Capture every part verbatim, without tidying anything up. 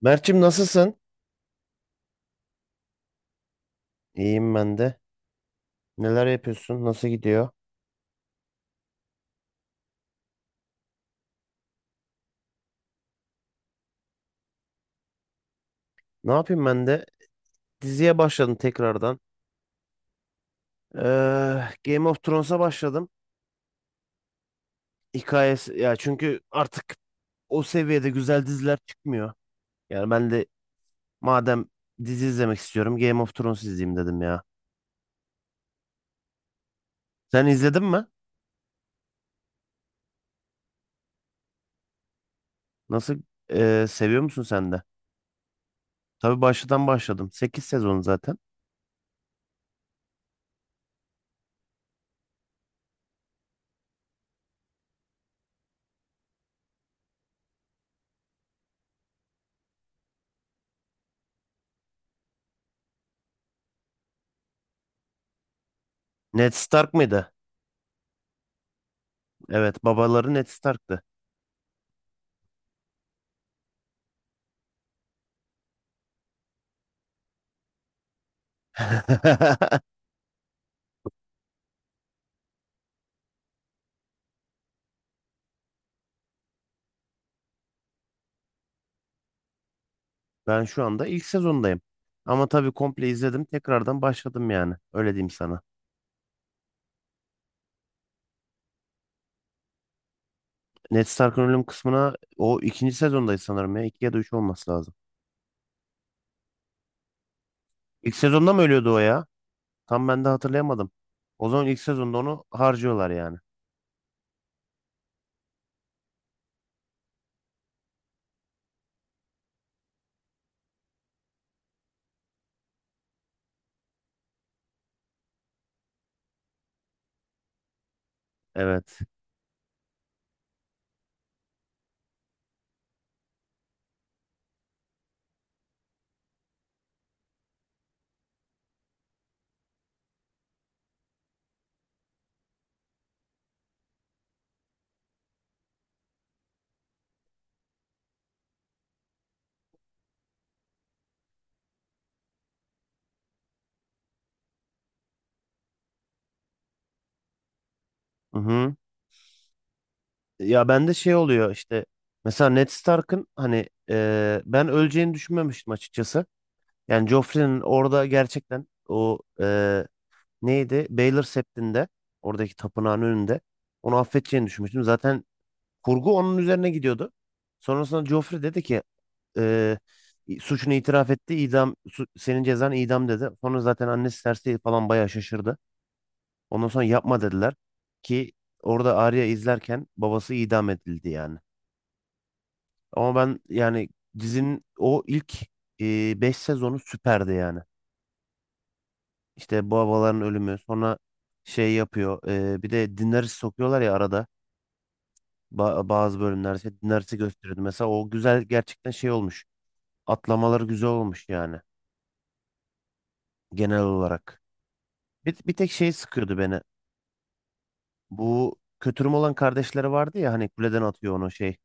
Mert'cim nasılsın? İyiyim ben de. Neler yapıyorsun? Nasıl gidiyor? Ne yapayım ben de? Diziye başladım tekrardan. Ee, Game of Thrones'a başladım. Hikayesi ya çünkü artık o seviyede güzel diziler çıkmıyor. Yani ben de madem dizi izlemek istiyorum Game of Thrones izleyeyim dedim ya. Sen izledin mi? Nasıl ee, seviyor musun sen de? Tabii baştan başladım. Sekiz sezon zaten. Ned Stark mıydı? Evet, babaları Ned Stark'tı. Ben şu anda ilk sezondayım. Ama tabii komple izledim. Tekrardan başladım yani. Öyle diyeyim sana. Ned Stark'ın ölüm kısmına o ikinci sezondayız sanırım ya. İki ya da üç olması lazım. İlk sezonda mı ölüyordu o ya? Tam ben de hatırlayamadım. O zaman ilk sezonda onu harcıyorlar yani. Evet. Hı hı. Ya bende şey oluyor işte. Mesela Ned Stark'ın hani e, ben öleceğini düşünmemiştim açıkçası. Yani Joffrey'nin orada gerçekten o e, neydi? Baylor Sept'inde oradaki tapınağın önünde onu affedeceğini düşünmüştüm. Zaten kurgu onun üzerine gidiyordu. Sonrasında Joffrey dedi ki e, suçunu itiraf etti. İdam su- senin cezan idam dedi. Sonra zaten annesi Cersei falan bayağı şaşırdı. Ondan sonra yapma dediler ki orada Arya izlerken babası idam edildi yani. Ama ben yani dizinin o ilk beş sezonu süperdi yani. İşte babaların ölümü sonra şey yapıyor. E, bir de Daenerys sokuyorlar ya arada. Ba- bazı bölümler şey, dinlerse gösteriyordu. Mesela o güzel gerçekten şey olmuş. Atlamaları güzel olmuş yani genel olarak. Bir, bir tek şey sıkıyordu beni. Bu kötürüm olan kardeşleri vardı ya hani kuleden atıyor onu şey.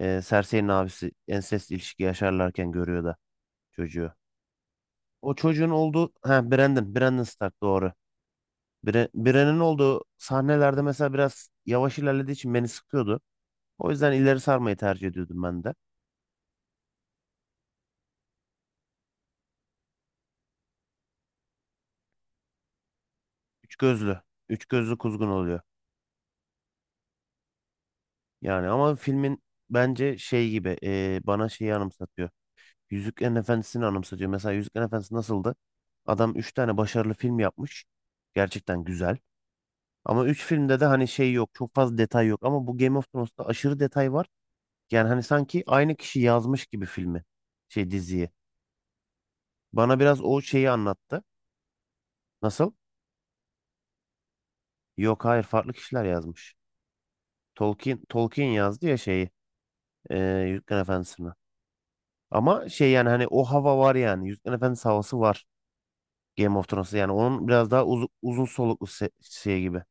E, Cersei'nin abisi ensest ilişki yaşarlarken görüyor da çocuğu. O çocuğun olduğu ha Brandon, Brandon Stark doğru. Bre, Bran'ın olduğu sahnelerde mesela biraz yavaş ilerlediği için beni sıkıyordu. O yüzden ileri sarmayı tercih ediyordum ben de. Üç gözlü. Üç gözlü kuzgun oluyor. Yani ama filmin bence şey gibi e, bana şeyi anımsatıyor. Yüzüklerin Efendisi'ni anımsatıyor. Mesela Yüzüklerin Efendisi nasıldı? Adam üç tane başarılı film yapmış. Gerçekten güzel. Ama üç filmde de hani şey yok. Çok fazla detay yok. Ama bu Game of Thrones'ta aşırı detay var. Yani hani sanki aynı kişi yazmış gibi filmi. Şey diziyi. Bana biraz o şeyi anlattı. Nasıl? Yok hayır farklı kişiler yazmış. Tolkien, Tolkien yazdı ya şeyi. E, Yüzüklerin Efendisi'ni. Ama şey yani hani o hava var yani. Yüzüklerin Efendisi havası var. Game of Thrones'ta yani onun biraz daha uzun, uzun soluklu se- şey gibi.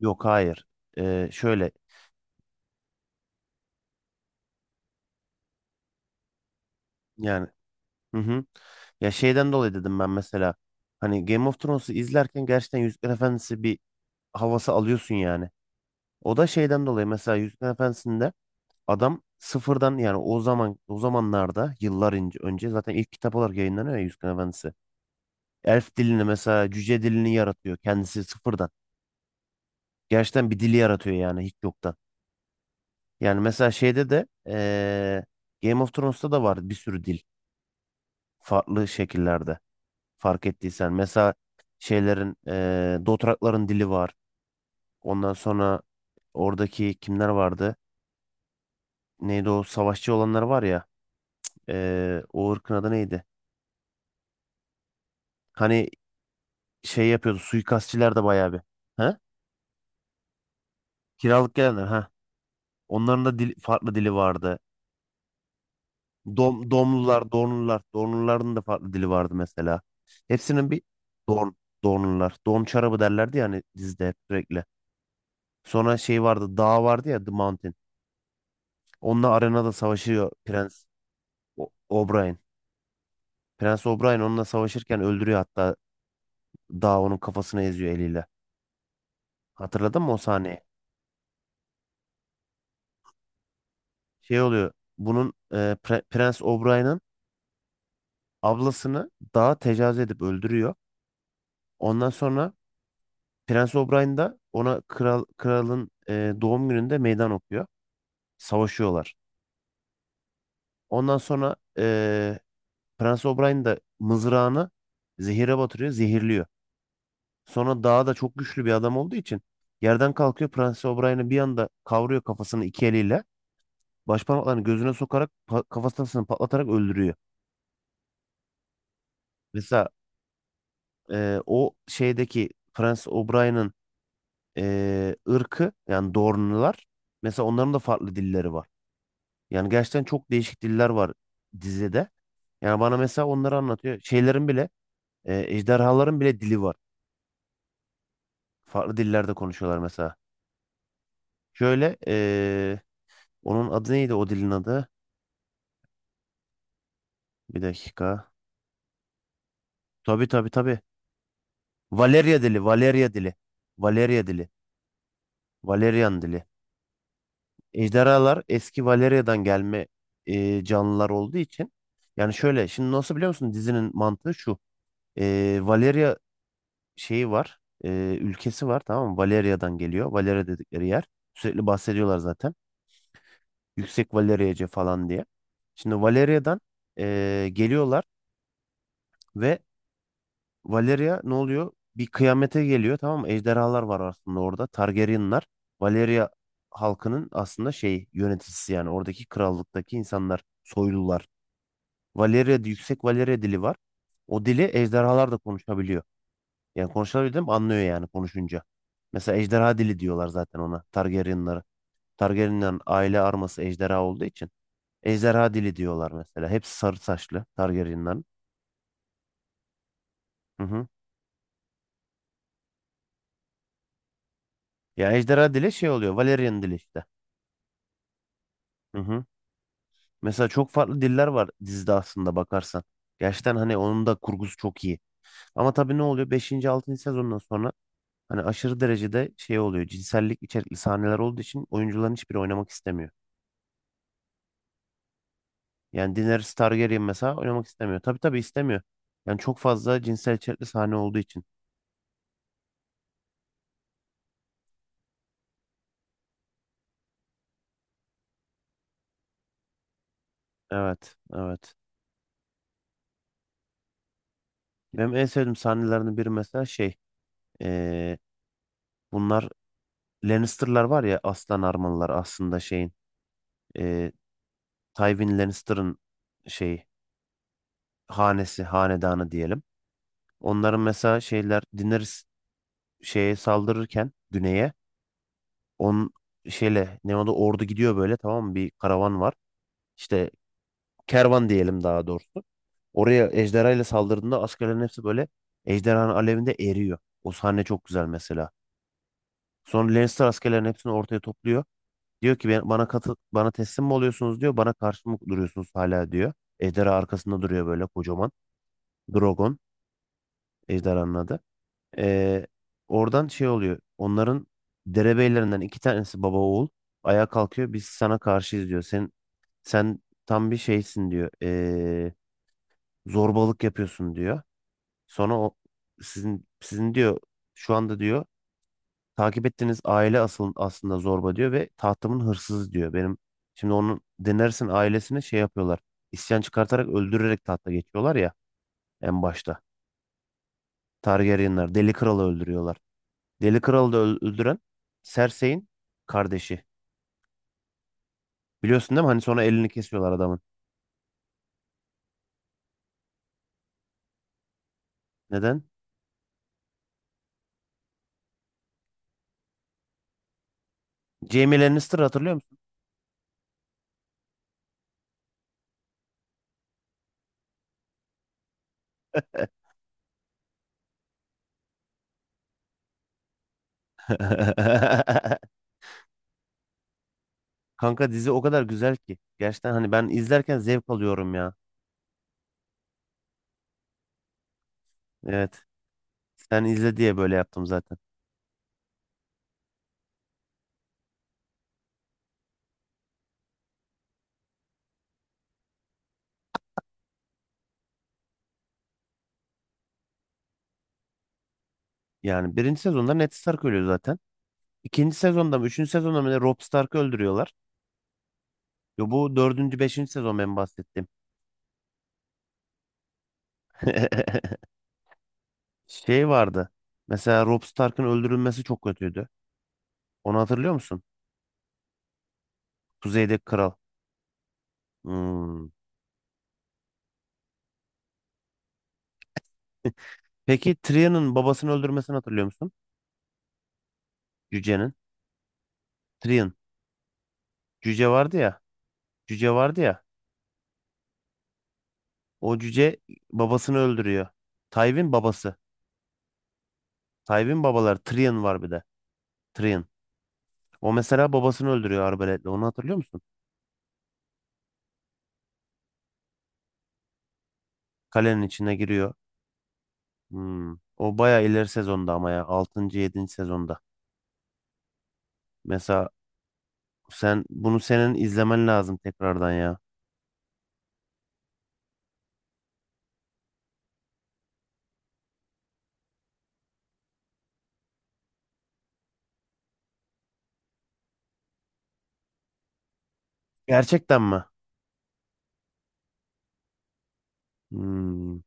Yok hayır. Ee, şöyle yani hı hı. Ya şeyden dolayı dedim ben mesela hani Game of Thrones'u izlerken gerçekten Yüzükler Efendisi bir havası alıyorsun yani. O da şeyden dolayı mesela Yüzükler Efendisi'nde adam sıfırdan yani o zaman o zamanlarda yıllar ince- önce zaten ilk kitap olarak yayınlanıyor ya Yüzükler Efendisi. Elf dilini mesela cüce dilini yaratıyor kendisi sıfırdan. Gerçekten bir dili yaratıyor yani hiç yoktan. Yani mesela şeyde de eee, Game of Thrones'ta da var bir sürü dil farklı şekillerde fark ettiysen. Mesela şeylerin eee Dothrakların dili var. Ondan sonra oradaki kimler vardı? Neydi o savaşçı olanlar var ya. Eee, o ırkın adı neydi? Hani şey yapıyordu suikastçiler de bayağı bir. Ha? Kiralık gelenler ha. Onların da dil, farklı dili vardı. Dom, domlular, donlular. Donluların da farklı dili vardı mesela. Hepsinin bir don, donlular. Don çarabı derlerdi yani hani dizide hep sürekli. Sonra şey vardı, dağ vardı ya The Mountain. Onunla arenada savaşıyor Prens O- O'Brien. Prens O'Brien onunla savaşırken öldürüyor hatta dağ onun kafasını eziyor eliyle. Hatırladın mı o sahneyi? Şey oluyor. Bunun e, Pre- Prens O'Brien'ın ablasını dağa tecavüz edip öldürüyor. Ondan sonra Prens O'Brien da ona kral kralın e, doğum gününde meydan okuyor. Savaşıyorlar. Ondan sonra e, Prens O'Brien da mızrağını zehire batırıyor, zehirliyor. Sonra daha da çok güçlü bir adam olduğu için yerden kalkıyor Prens O'Brien'i bir anda kavruyor kafasını iki eliyle. Başparmaklarını gözüne sokarak pa- kafasını patlatarak öldürüyor. Mesela e, o şeydeki Prens O'Brien'in e, ırkı yani Dorn'lular mesela onların da farklı dilleri var. Yani gerçekten çok değişik diller var dizide. Yani bana mesela onları anlatıyor. Şeylerin bile, e, ejderhaların bile dili var. Farklı dillerde konuşuyorlar mesela. Şöyle, e, onun adı neydi o dilin adı? Bir dakika. Tabii tabii tabii. Valeria dili, Valeria dili. Valeria dili, Valerian dili. Ejderhalar eski Valeria'dan gelme e, canlılar olduğu için. Yani şöyle, şimdi nasıl biliyor musun dizinin mantığı şu. E, Valeria şeyi var. e, Ülkesi var tamam mı? Valeria'dan geliyor. Valeria dedikleri yer. Sürekli bahsediyorlar zaten. Yüksek Valeria'cı falan diye. Şimdi Valeria'dan e, geliyorlar ve Valeria ne oluyor? Bir kıyamete geliyor tamam mı? Ejderhalar var aslında orada. Targaryenlar. Valeria halkının aslında şey yöneticisi yani oradaki krallıktaki insanlar, soylular. Valeria, yüksek Valeria dili var. O dili ejderhalar da konuşabiliyor. Yani konuşabildim anlıyor yani konuşunca. Mesela ejderha dili diyorlar zaten ona. Targaryenlara. Targaryenlerin aile arması ejderha olduğu için. Ejderha dili diyorlar mesela. Hepsi sarı saçlı Targaryenlerin. Hı hı. Ya ejderha dili şey oluyor. Valyrian dili işte. Hı hı. Mesela çok farklı diller var dizide aslında bakarsan. Gerçekten hani onun da kurgusu çok iyi. Ama tabii ne oluyor? beşinci. altıncı sezondan sonra hani aşırı derecede şey oluyor. Cinsellik içerikli sahneler olduğu için oyuncuların hiçbiri oynamak istemiyor. Yani Daenerys Targaryen mesela oynamak istemiyor. Tabii tabii istemiyor. Yani çok fazla cinsel içerikli sahne olduğu için. Evet, evet. Benim en sevdiğim sahnelerden biri mesela şey. eee, Bunlar Lannister'lar var ya aslan armalılar aslında şeyin. eee, Tywin Lannister'ın şeyi hanesi, hanedanı diyelim. Onların mesela şeyler Daenerys şeye saldırırken güneye on şeyle ne oldu ordu gidiyor böyle tamam mı bir karavan var. İşte kervan diyelim daha doğrusu. Oraya ejderha saldırdığında askerlerin hepsi böyle ejderhanın alevinde eriyor. O sahne çok güzel mesela. Sonra Lannister askerlerin hepsini ortaya topluyor. Diyor ki ben, bana katı, bana teslim mi oluyorsunuz diyor. Bana karşı mı duruyorsunuz hala diyor. Ejderha arkasında duruyor böyle kocaman. Drogon ejderhanın adı. Ee, Oradan şey oluyor. Onların derebeylerinden iki tanesi baba oğul. Ayağa kalkıyor. Biz sana karşıyız diyor. Sen, sen tam bir şeysin diyor. Ee, zorbalık yapıyorsun diyor. Sonra o sizin sizin diyor şu anda diyor takip ettiğiniz aile asıl aslında zorba diyor ve tahtımın hırsızı diyor. Benim şimdi onun denersin ailesine şey yapıyorlar. İsyan çıkartarak öldürerek tahta geçiyorlar ya en başta. Targaryenler Deli Kral'ı öldürüyorlar. Deli Kral'ı da öl- öldüren Cersei'in kardeşi. Biliyorsun değil mi? Hani sonra elini kesiyorlar adamın. Neden? Jaime Lannister hatırlıyor musun? Kanka dizi o kadar güzel ki. Gerçekten hani ben izlerken zevk alıyorum ya. Evet. Sen izle diye böyle yaptım zaten. Yani birinci sezonda Ned Stark ölüyor zaten. İkinci sezonda mı, üçüncü sezonda mı ne Robb Stark'ı öldürüyorlar. Yo, bu dördüncü, beşinci sezon ben bahsettim. Şey vardı. Mesela Robb Stark'ın öldürülmesi çok kötüydü. Onu hatırlıyor musun? Kuzeydeki kral. Hmm. Peki Tyrion'un babasını öldürmesini hatırlıyor musun? Cüce'nin. Tyrion. Cüce vardı ya. Cüce vardı ya. O cüce babasını öldürüyor. Tywin babası. Tywin babaları. Tyrion var bir de. Tyrion. O mesela babasını öldürüyor arbaletle. Onu hatırlıyor musun? Kalenin içine giriyor. Hmm. O baya ileri sezonda ama ya. altıncı yedinci sezonda. Mesela sen bunu senin izlemen lazım tekrardan ya. Gerçekten mi? Hmm.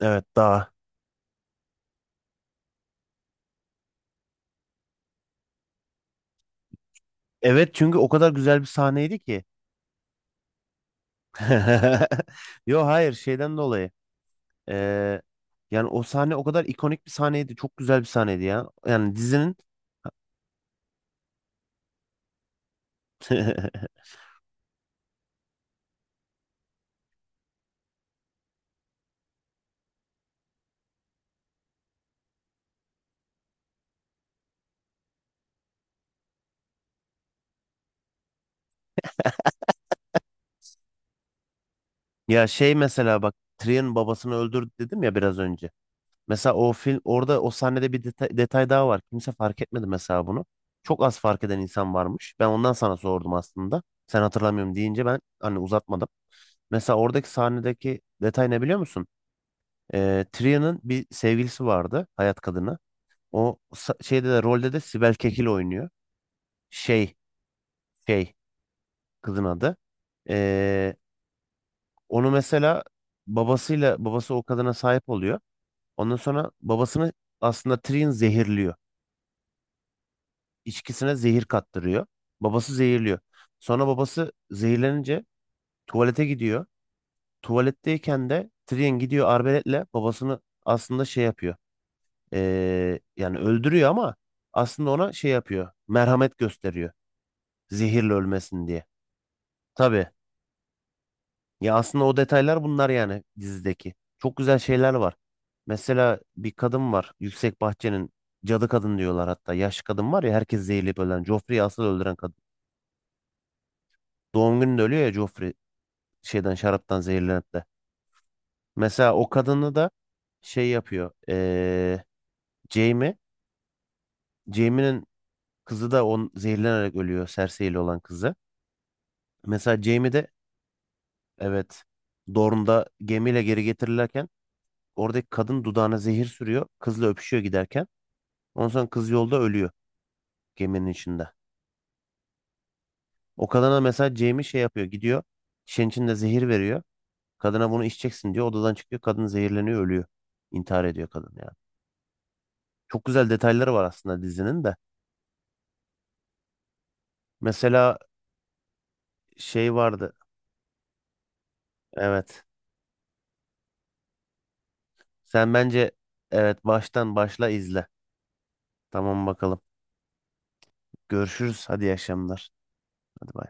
Evet daha. Evet çünkü o kadar güzel bir sahneydi ki. Yo hayır şeyden dolayı. Ee, Yani o sahne o kadar ikonik bir sahneydi. Çok güzel bir sahneydi ya. Yani dizinin ya şey mesela bak Tyrion babasını öldürdü dedim ya biraz önce. Mesela o film orada o sahnede bir detay detay daha var. Kimse fark etmedi mesela bunu. Çok az fark eden insan varmış. Ben ondan sana sordum aslında. Sen hatırlamıyorum deyince ben hani uzatmadım. Mesela oradaki sahnedeki detay ne biliyor musun? Ee, Tria'nın bir sevgilisi vardı. Hayat kadını. O sa- şeyde de rolde de Sibel Kekil oynuyor. Şey şey kızın adı. Ee, Onu mesela babasıyla babası o kadına sahip oluyor. Ondan sonra babasını aslında Trian zehirliyor. İçkisine zehir kattırıyor. Babası zehirliyor. Sonra babası zehirlenince tuvalete gidiyor. Tuvaletteyken de Tyrion gidiyor arbaletle babasını aslında şey yapıyor. Ee, yani öldürüyor ama aslında ona şey yapıyor. Merhamet gösteriyor. Zehirle ölmesin diye. Tabii. Ya aslında o detaylar bunlar yani dizideki. Çok güzel şeyler var. Mesela bir kadın var. Yüksek Bahçe'nin cadı kadın diyorlar hatta. Yaşlı kadın var ya herkes zehirleyip ölen. Joffrey'i asıl öldüren kadın. Doğum gününde ölüyor ya Joffrey. Şeyden şaraptan zehirlenip de. Mesela o kadını da şey yapıyor. Ee, Jamie. Jamie'nin kızı da on zehirlenerek ölüyor. Cersei ile olan kızı. Mesela Jamie de evet Dorne'da gemiyle geri getirilirken oradaki kadın dudağına zehir sürüyor. Kızla öpüşüyor giderken. Ondan sonra kız yolda ölüyor geminin içinde. O kadına mesela Jamie şey yapıyor. Gidiyor şişenin içinde zehir veriyor. Kadına bunu içeceksin diyor. Odadan çıkıyor. Kadın zehirleniyor ölüyor. İntihar ediyor kadın yani. Çok güzel detayları var aslında dizinin de. Mesela şey vardı. Evet. Sen bence evet baştan başla izle. Tamam bakalım. Görüşürüz. Hadi iyi akşamlar. Hadi bay.